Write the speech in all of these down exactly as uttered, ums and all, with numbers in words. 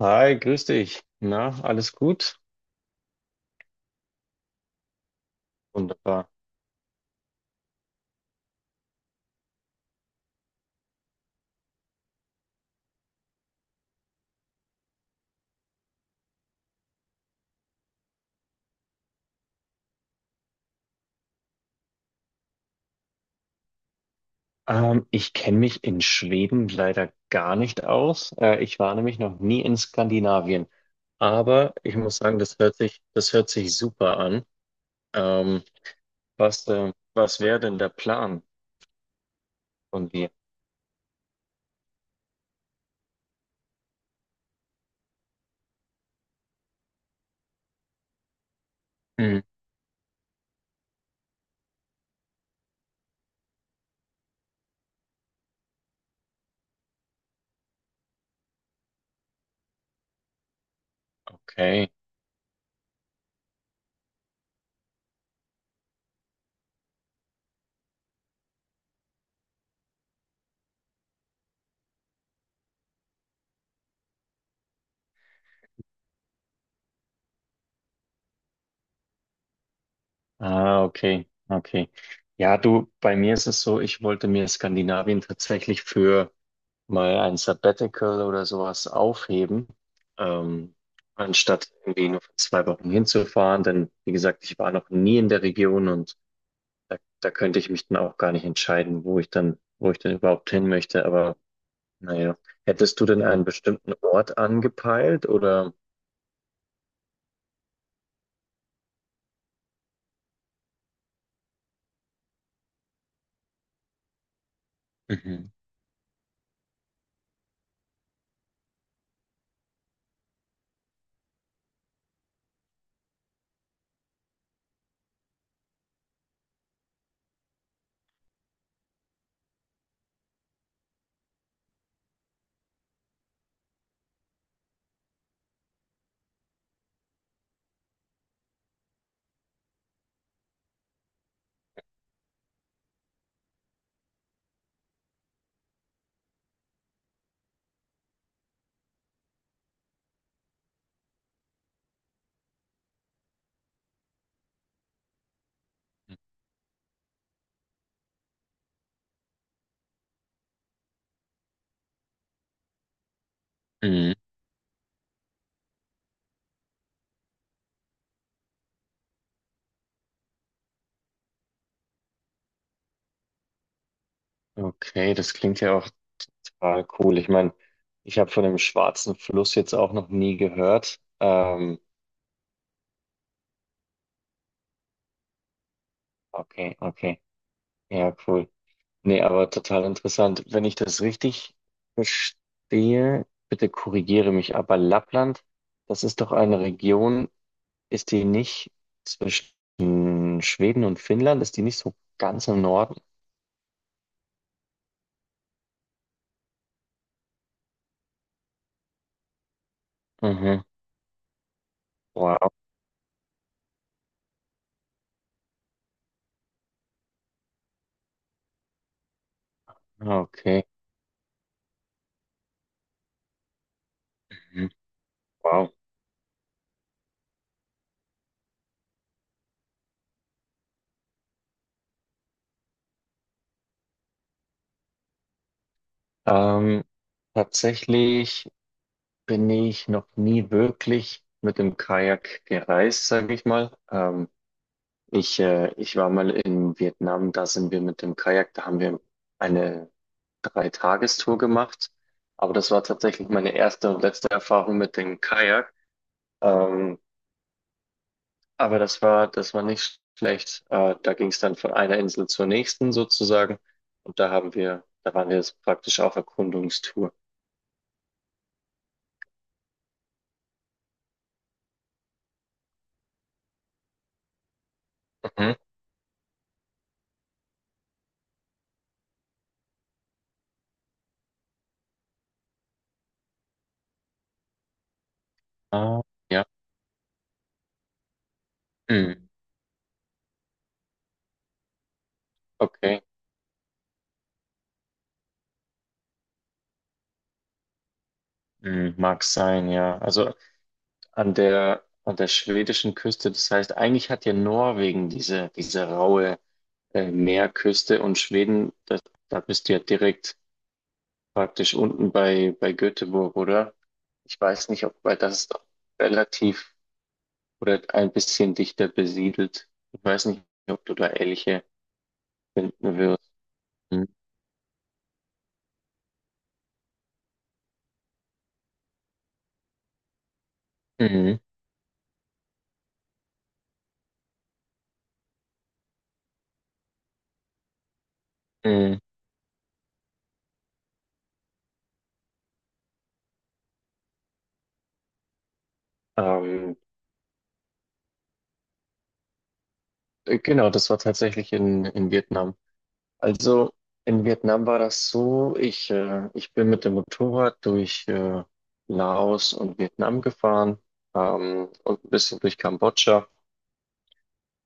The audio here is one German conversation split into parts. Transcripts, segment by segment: Hi, grüß dich. Na, alles gut? Wunderbar. Ähm, ich kenne mich in Schweden leider gar nicht aus. Äh, ich war nämlich noch nie in Skandinavien. Aber ich muss sagen, das hört sich, das hört sich super an. Ähm, was, äh, was wäre denn der Plan von dir? Hm, okay. Ah, okay. Okay. Ja, du, bei mir ist es so, ich wollte mir Skandinavien tatsächlich für mal ein Sabbatical oder sowas aufheben, ähm, anstatt irgendwie nur für zwei Wochen hinzufahren. Denn wie gesagt, ich war noch nie in der Region und da, da könnte ich mich dann auch gar nicht entscheiden, wo ich dann, wo ich dann überhaupt hin möchte. Aber naja, hättest du denn einen bestimmten Ort angepeilt oder? Mhm. Mhm. Okay, das klingt ja auch total cool. Ich meine, ich habe von dem Schwarzen Fluss jetzt auch noch nie gehört. Ähm, okay, okay. Ja, cool. Nee, aber total interessant. Wenn ich das richtig verstehe, bitte korrigiere mich, aber Lappland, das ist doch eine Region, ist die nicht zwischen Schweden und Finnland? Ist die nicht so ganz im Norden? Mhm. Wow. Ah, okay. Mhm. Wow. Ähm, Tatsächlich bin ich noch nie wirklich mit dem Kajak gereist, sage ich mal. Ähm, Ich, äh, ich war mal in Vietnam, da sind wir mit dem Kajak, da haben wir eine Dreitagestour gemacht. Aber das war tatsächlich meine erste und letzte Erfahrung mit dem Kajak. Ähm, aber das war, das war nicht schlecht. Äh, da ging es dann von einer Insel zur nächsten sozusagen. Und da haben wir, da waren wir jetzt praktisch auf Erkundungstour. Mhm. Ah, ja. Mhm. Okay. Mhm. Mag sein, ja. Also an der, an der schwedischen Küste. Das heißt, eigentlich hat ja Norwegen diese, diese raue äh, Meerküste und Schweden, das, da bist du ja direkt praktisch unten bei, bei Göteborg, oder? Ich weiß nicht, ob, weil das ist doch relativ oder ein bisschen dichter besiedelt. Ich weiß nicht, ob du da ähnliche finden wirst. Mhm. Mhm. Mhm. Ähm, äh, genau, das war tatsächlich in, in Vietnam. Also in Vietnam war das so, ich, äh, ich bin mit dem Motorrad durch äh, Laos und Vietnam gefahren, ähm, und ein bisschen durch Kambodscha.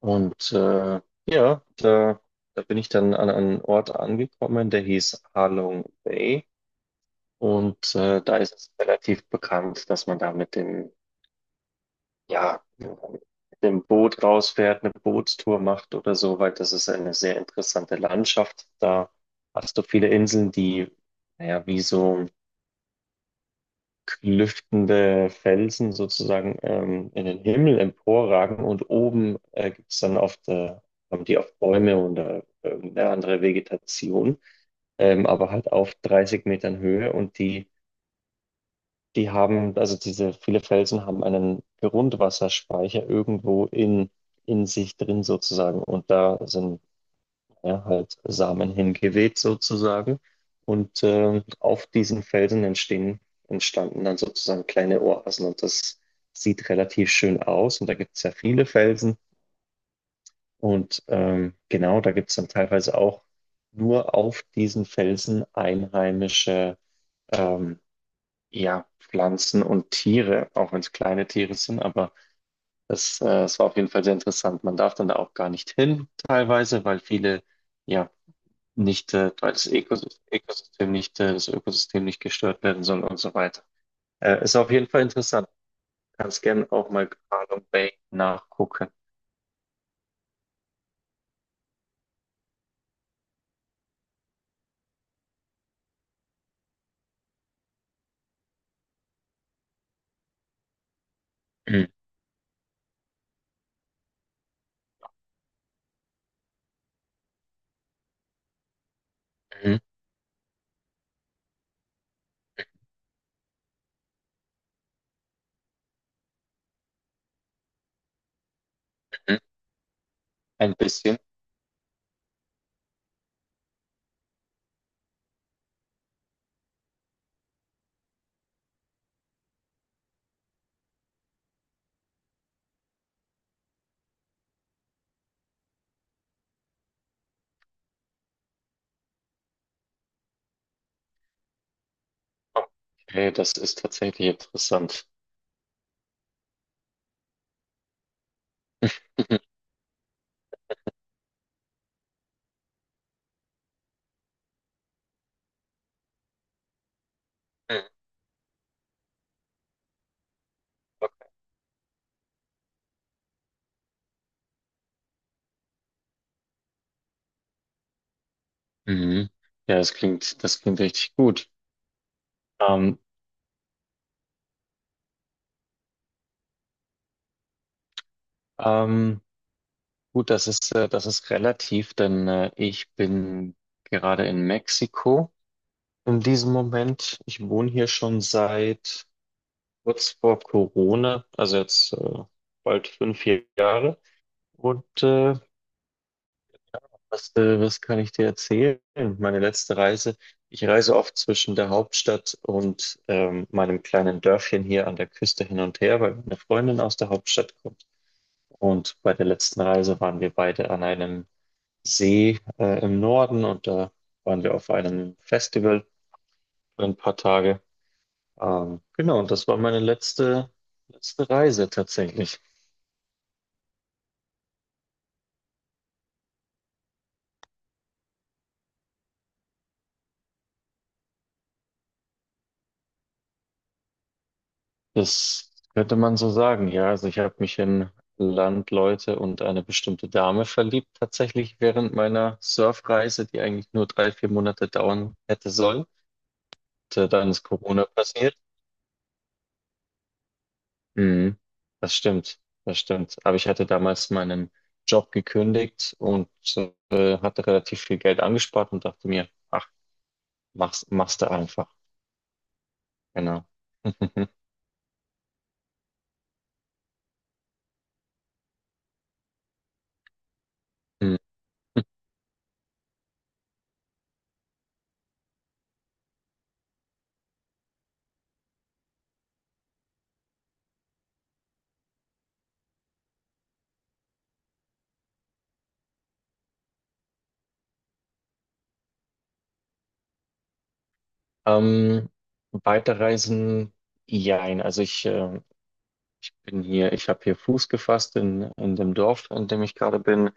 Und äh, ja, da, da bin ich dann an einen Ort angekommen, der hieß Ha Long Bay. Und äh, da ist es relativ bekannt, dass man da mit dem ja, mit dem Boot rausfährt, eine Bootstour macht oder so, weil das ist eine sehr interessante Landschaft. Da hast du viele Inseln, die, naja, wie so klüftende Felsen sozusagen ähm, in den Himmel emporragen, und oben äh, gibt es dann oft, äh, haben die oft Bäume oder irgendeine andere Vegetation, ähm, aber halt auf dreißig Metern Höhe. Und die die haben, also diese viele Felsen haben einen Grundwasserspeicher irgendwo in, in sich drin sozusagen. Und da sind ja halt Samen hingeweht sozusagen. Und ähm, auf diesen Felsen entstehen, entstanden dann sozusagen kleine Oasen. Und das sieht relativ schön aus. Und da gibt es ja viele Felsen. Und ähm, genau, da gibt es dann teilweise auch nur auf diesen Felsen einheimische, ähm, ja, Pflanzen und Tiere, auch wenn es kleine Tiere sind. Aber das, äh, es war auf jeden Fall sehr interessant. Man darf dann da auch gar nicht hin, teilweise, weil viele, ja, nicht, äh, weil das Ökosystem, Ökosystem nicht, äh, das Ökosystem nicht gestört werden soll und so weiter. Äh, ist auf jeden Fall interessant. Kannst gerne auch mal Carlum Bay nachgucken. Mhm. Mhm. Mhm. Ein bisschen. Okay, das ist tatsächlich interessant. Mhm. Mhm. Ja, das klingt, das klingt richtig gut. Ähm, ähm, Gut, das ist, äh, das ist relativ, denn äh, ich bin gerade in Mexiko in diesem Moment. Ich wohne hier schon seit kurz vor Corona, also jetzt äh, bald fünf Jahre. Und äh, was, äh, was kann ich dir erzählen? Meine letzte Reise. Ich reise oft zwischen der Hauptstadt und ähm, meinem kleinen Dörfchen hier an der Küste hin und her, weil meine Freundin aus der Hauptstadt kommt. Und bei der letzten Reise waren wir beide an einem See äh, im Norden, und da waren wir auf einem Festival für ein paar Tage. Ähm, genau, und das war meine letzte, letzte Reise tatsächlich. Das könnte man so sagen, ja. Also ich habe mich in Landleute und eine bestimmte Dame verliebt, tatsächlich während meiner Surfreise, die eigentlich nur drei, vier Monate dauern hätte sollen. Und, äh, Dann ist Corona passiert. Mhm. Das stimmt, das stimmt. Aber ich hatte damals meinen Job gekündigt und äh, hatte relativ viel Geld angespart und dachte mir, ach, mach's, mach's da einfach. Genau. Mhm. Ähm, Weiterreisen, jein. Also ich, äh, ich bin hier, ich habe hier Fuß gefasst in, in dem Dorf, in dem ich gerade bin.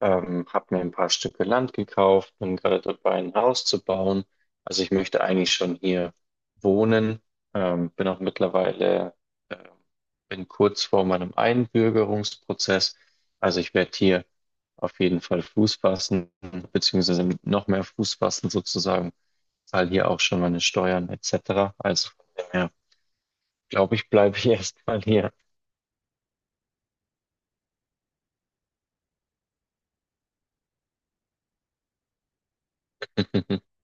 Ähm, habe mir ein paar Stücke Land gekauft, bin gerade dabei, ein Haus zu bauen. Also ich möchte eigentlich schon hier wohnen. Ähm, bin auch mittlerweile, äh, bin kurz vor meinem Einbürgerungsprozess. Also ich werde hier auf jeden Fall Fuß fassen, beziehungsweise noch mehr Fuß fassen sozusagen. Zahle hier auch schon meine Steuern et cetera. Also von dem her, glaube ich, bleibe ich erstmal hier.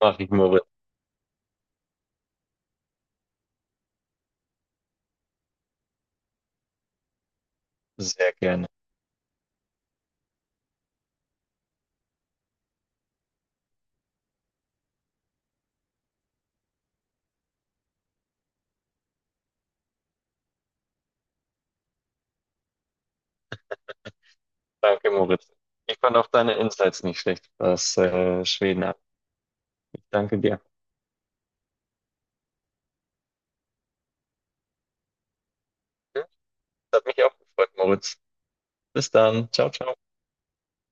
Mache ich, Moritz, sehr gerne. Danke, Moritz. Ich fand auch deine Insights nicht schlecht, was äh, Schweden ab. Ich danke dir. Das hat mich auch gefreut, Moritz. Bis dann. Ciao, ciao.